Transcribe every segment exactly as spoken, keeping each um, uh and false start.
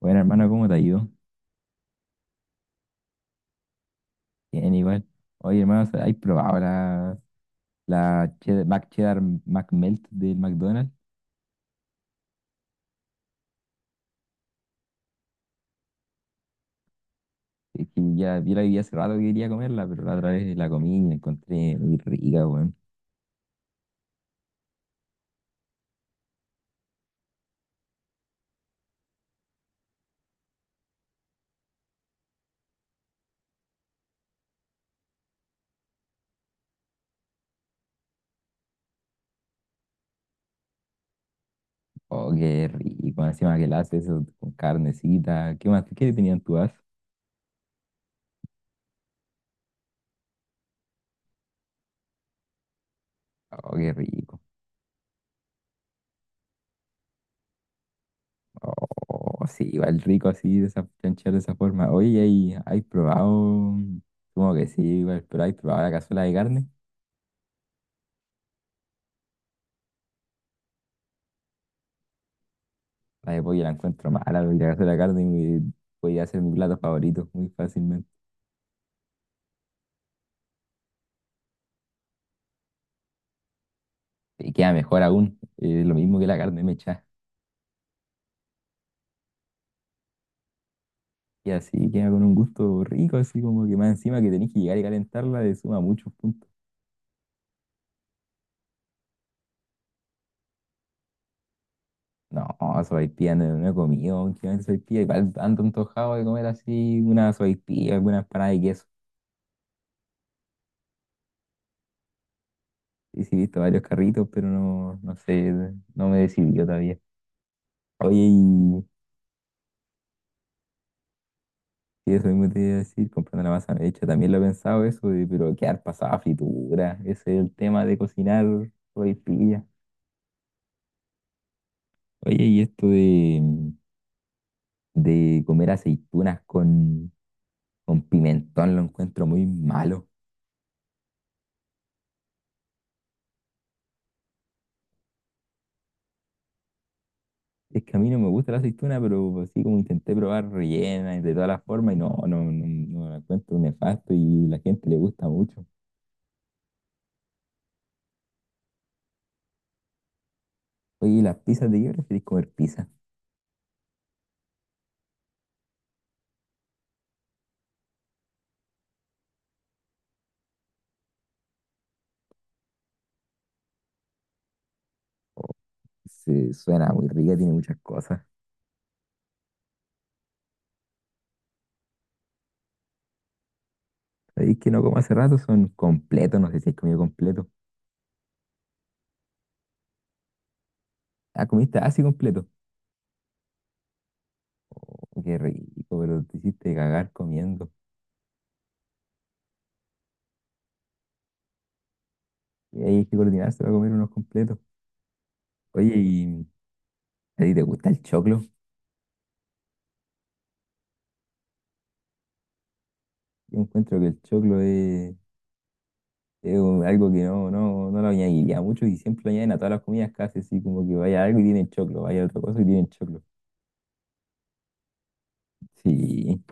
Bueno, hermano, ¿cómo te ha ido? Bien, igual. Oye, hermano, ¿has probado la, la cheddar, Mac Cheddar McMelt del McDonald's? Es que ya vi la vi hace rato que quería comerla, pero la otra vez la comí y la encontré muy rica, weón. Oh, qué rico. Encima que la hace eso con carnecita. ¿Qué más? ¿Qué tenían tú as? Oh, qué rico. Oh, sí, igual rico así, de esa, chanchar de esa forma. Oye, ¿hay, hay probado? Supongo que sí, igual, pero ¿hay probado la cazuela de carne? La de pollo la encuentro mala, voy a ir a hacer la carne y me- voy a hacer mi plato favorito muy fácilmente. Y queda mejor aún, eh, lo mismo que la carne mechada. Y así queda con un gusto rico, así como que más encima que tenés que llegar y calentarla, le suma muchos puntos. No, sopaipilla no, no he comido, últimamente sopaipilla, igual ando antojado de comer así una sopaipilla, alguna empanada de queso. Y sí, he visto varios carritos, pero no, no sé, no me he decidido todavía. Oye, y Sí, eso mismo te iba a decir, comprando la masa hecha, también lo he pensado eso, de, pero quedar pasada a fritura, ese es el tema de cocinar hoy pilla. Oye, y esto de, de comer aceitunas con, con pimentón lo encuentro muy malo. Es que a mí no me gusta la aceituna, pero así como intenté probar rellena y de todas las formas, y no, no, no, no la encuentro nefasto y la gente le gusta mucho. Oye, ¿y las pizzas de qué preferís comer pizza? Oh, se, suena muy rica, tiene muchas cosas. Sabéis que no como hace rato, son completos, no sé si has comido completo. Ah, comiste así completo. Oh, qué rico, pero te hiciste cagar comiendo. Y ahí hay que coordinarse para comer unos completos. Oye, ¿y a ti te gusta el choclo? Yo encuentro que el choclo es, es un- algo que no, no, no lo añadiría mucho y siempre lo añaden a todas las comidas casi así, como que vaya algo y tienen choclo, vaya otra cosa y tienen choclo. Sí,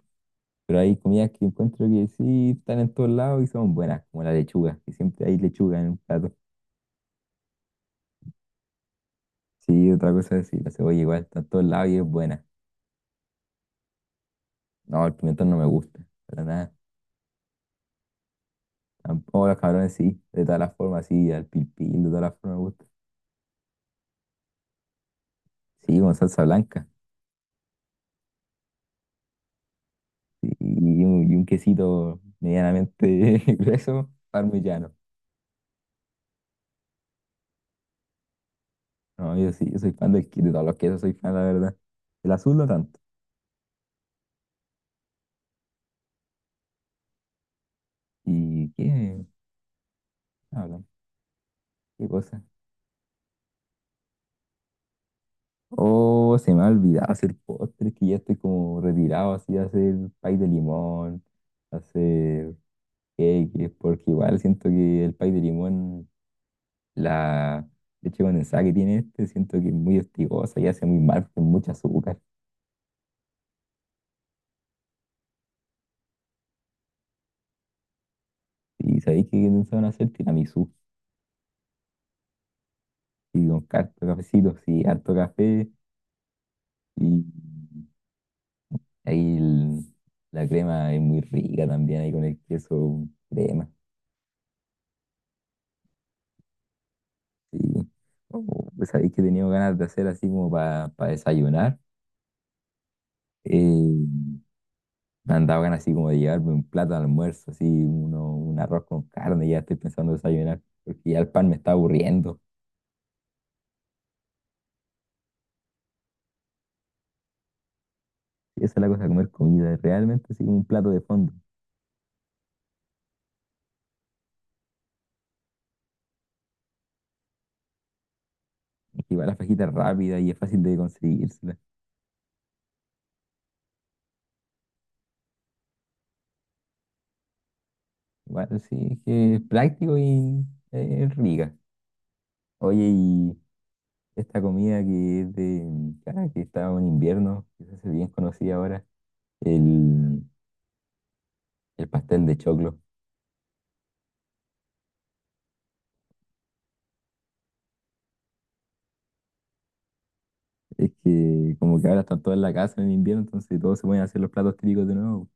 pero hay comidas que encuentro que sí están en todos lados y son buenas, como la lechuga, que siempre hay lechuga en un plato. Sí, otra cosa es decir, la cebolla igual está en todos lados y es buena. No, el pimentón no me gusta, para nada. Tampoco los cabrones sí, de todas las formas, sí, al pil pil, de todas las formas me gusta. Sí, con salsa blanca. Sí, y un, y un quesito medianamente grueso, parmesano. No, yo sí, yo soy fan del, que- de todos los quesos, soy fan, la verdad. El azul no tanto. ¿Y qué hablan? ¿Qué cosa? Oh, se me ha olvidado hacer postres, que ya estoy como retirado así, hacer pay de limón, hacer. que, que es porque igual siento que el pay de limón, la leche condensada que tiene este, siento que es muy hostigosa y hace muy mal porque es mucho azúcar. Y sabéis que van a hacer tiramisú y con harto cafecito, sí, harto café y ahí el- la crema es muy rica también ahí con el queso crema. Sí. Oh, pues sabéis que he tenido ganas de hacer así como para desayunar. eh, Me han dado ganas así como de llevarme un plato de almuerzo, así uno, un arroz con carne, ya estoy pensando desayunar, porque ya el pan me está aburriendo. Y esa es la cosa, comer comida, es realmente así como un plato de fondo. Y igual la fajita es rápida y es fácil de conseguírsela. Igual sí, es que es práctico y eh, es rica. Oye, y esta comida que es de, ah, que está en invierno, que se hace bien conocida ahora, el, el pastel de choclo. Es que como que ahora están todos en la casa en invierno, entonces todos se pueden hacer los platos típicos de nuevo.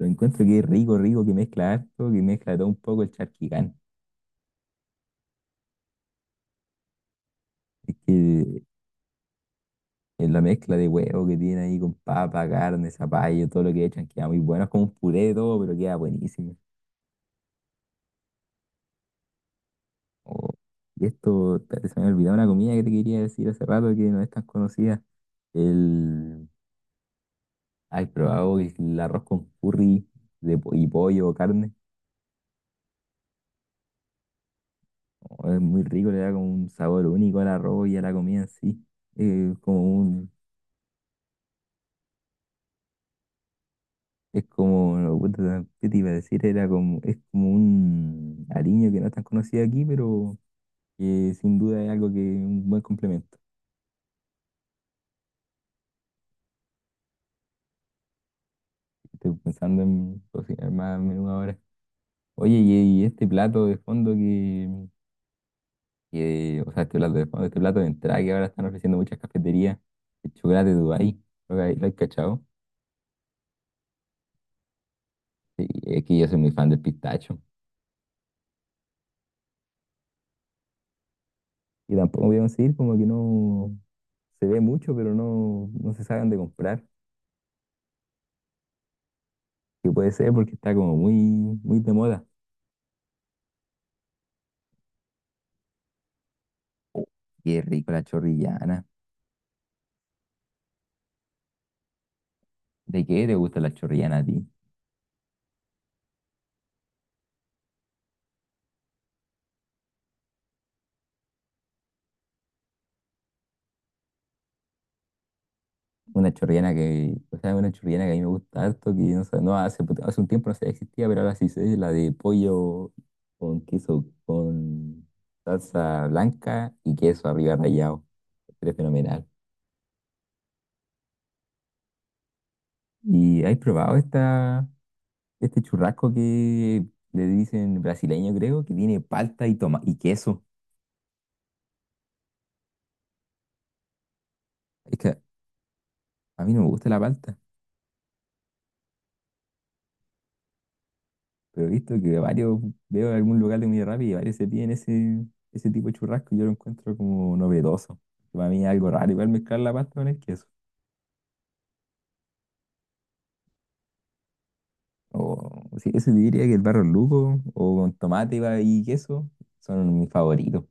Lo encuentro que es rico, rico, que mezcla harto, que mezcla de todo un poco el charquicán. Es que es la mezcla de huevo que tiene ahí con papa, carne, zapallo, todo lo que echan, queda muy bueno. Es como un puré de todo, pero queda buenísimo. Oh, y esto, espérate, se me olvidó una comida que te quería decir hace rato que no es tan conocida. El, ¿Has probado el arroz con curry de, po- y pollo o carne? Oh, es muy rico, le da como un sabor único al arroz y a la comida en sí. Eh, como un Es como, no, puta, ¿qué te iba a decir? Era como, es como un aliño que no es tan conocido aquí, pero que sin duda es algo que es un buen complemento. Estoy pensando en cocinar más a menudo ahora. Oye, y, y este plato de fondo que, que- o sea, este plato de fondo, este plato de entrada que ahora están ofreciendo muchas cafeterías, el chocolate de Dubái, ¿lo hay, lo hay cachado? Sí, es que yo soy muy fan del pistacho. Y tampoco voy a conseguir, como que no se ve mucho, pero no, no se saben de comprar. Que puede ser porque está como muy, muy de moda. Oh, qué rico la chorrillana. ¿De qué te gusta la chorrillana a ti? Una chorrillana que, o sea, una chorrillana que a mí me gusta harto, que no sé, no hace, hace un tiempo no sé, existía, pero ahora sí sé, la de pollo con queso, con salsa blanca y queso arriba rallado. Es fenomenal. ¿Y has probado esta, este churrasco que le dicen brasileño, creo, que tiene palta y toma y queso? Es que a mí no me gusta la palta. Pero he visto que varios, veo en algún lugar de comida rápida y varios se piden ese, ese tipo de churrasco y yo lo encuentro como novedoso. Para mí es algo raro, igual mezclar la pasta con el queso. O sí, eso te diría que el barro luco o con tomate y ba- y queso son mis favoritos.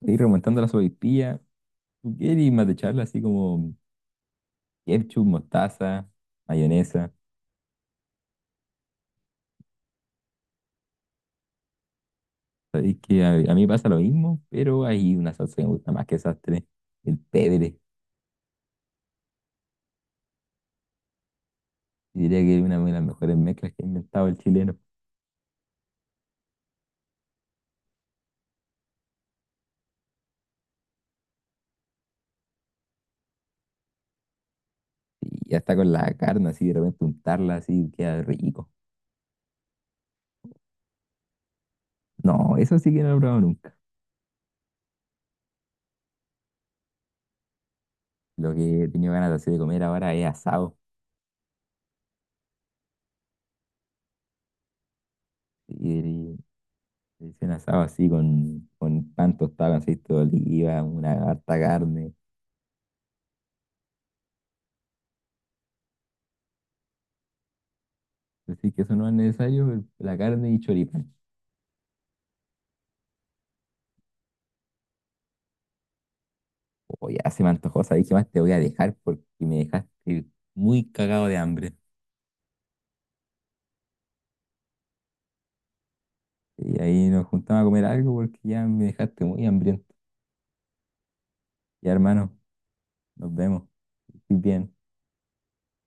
Y remontando a la sopaipilla, tú quieres más de charla así como ketchup, mostaza, mayonesa. Sabéis que a, a mí pasa lo mismo, pero hay una salsa que me gusta más que esas tres, el pebre. Diría que es una de las mejores mezclas que ha inventado el chileno. Y hasta con la carne así, de repente untarla así, queda rico. No, eso sí que no lo he probado nunca. Lo que he tenido ganas así de comer ahora es asado. Y y hice un asado así con, con pan tostado, con aceite de oliva, una harta carne. Así que eso no es necesario, el- la carne y choripán. Oye, ya se me antojó, ¿sabes qué más te voy a dejar? Porque me dejaste muy cagado de hambre. Y ahí nos juntamos a comer algo porque ya me dejaste muy hambriento. Ya hermano, nos vemos. Que estés bien.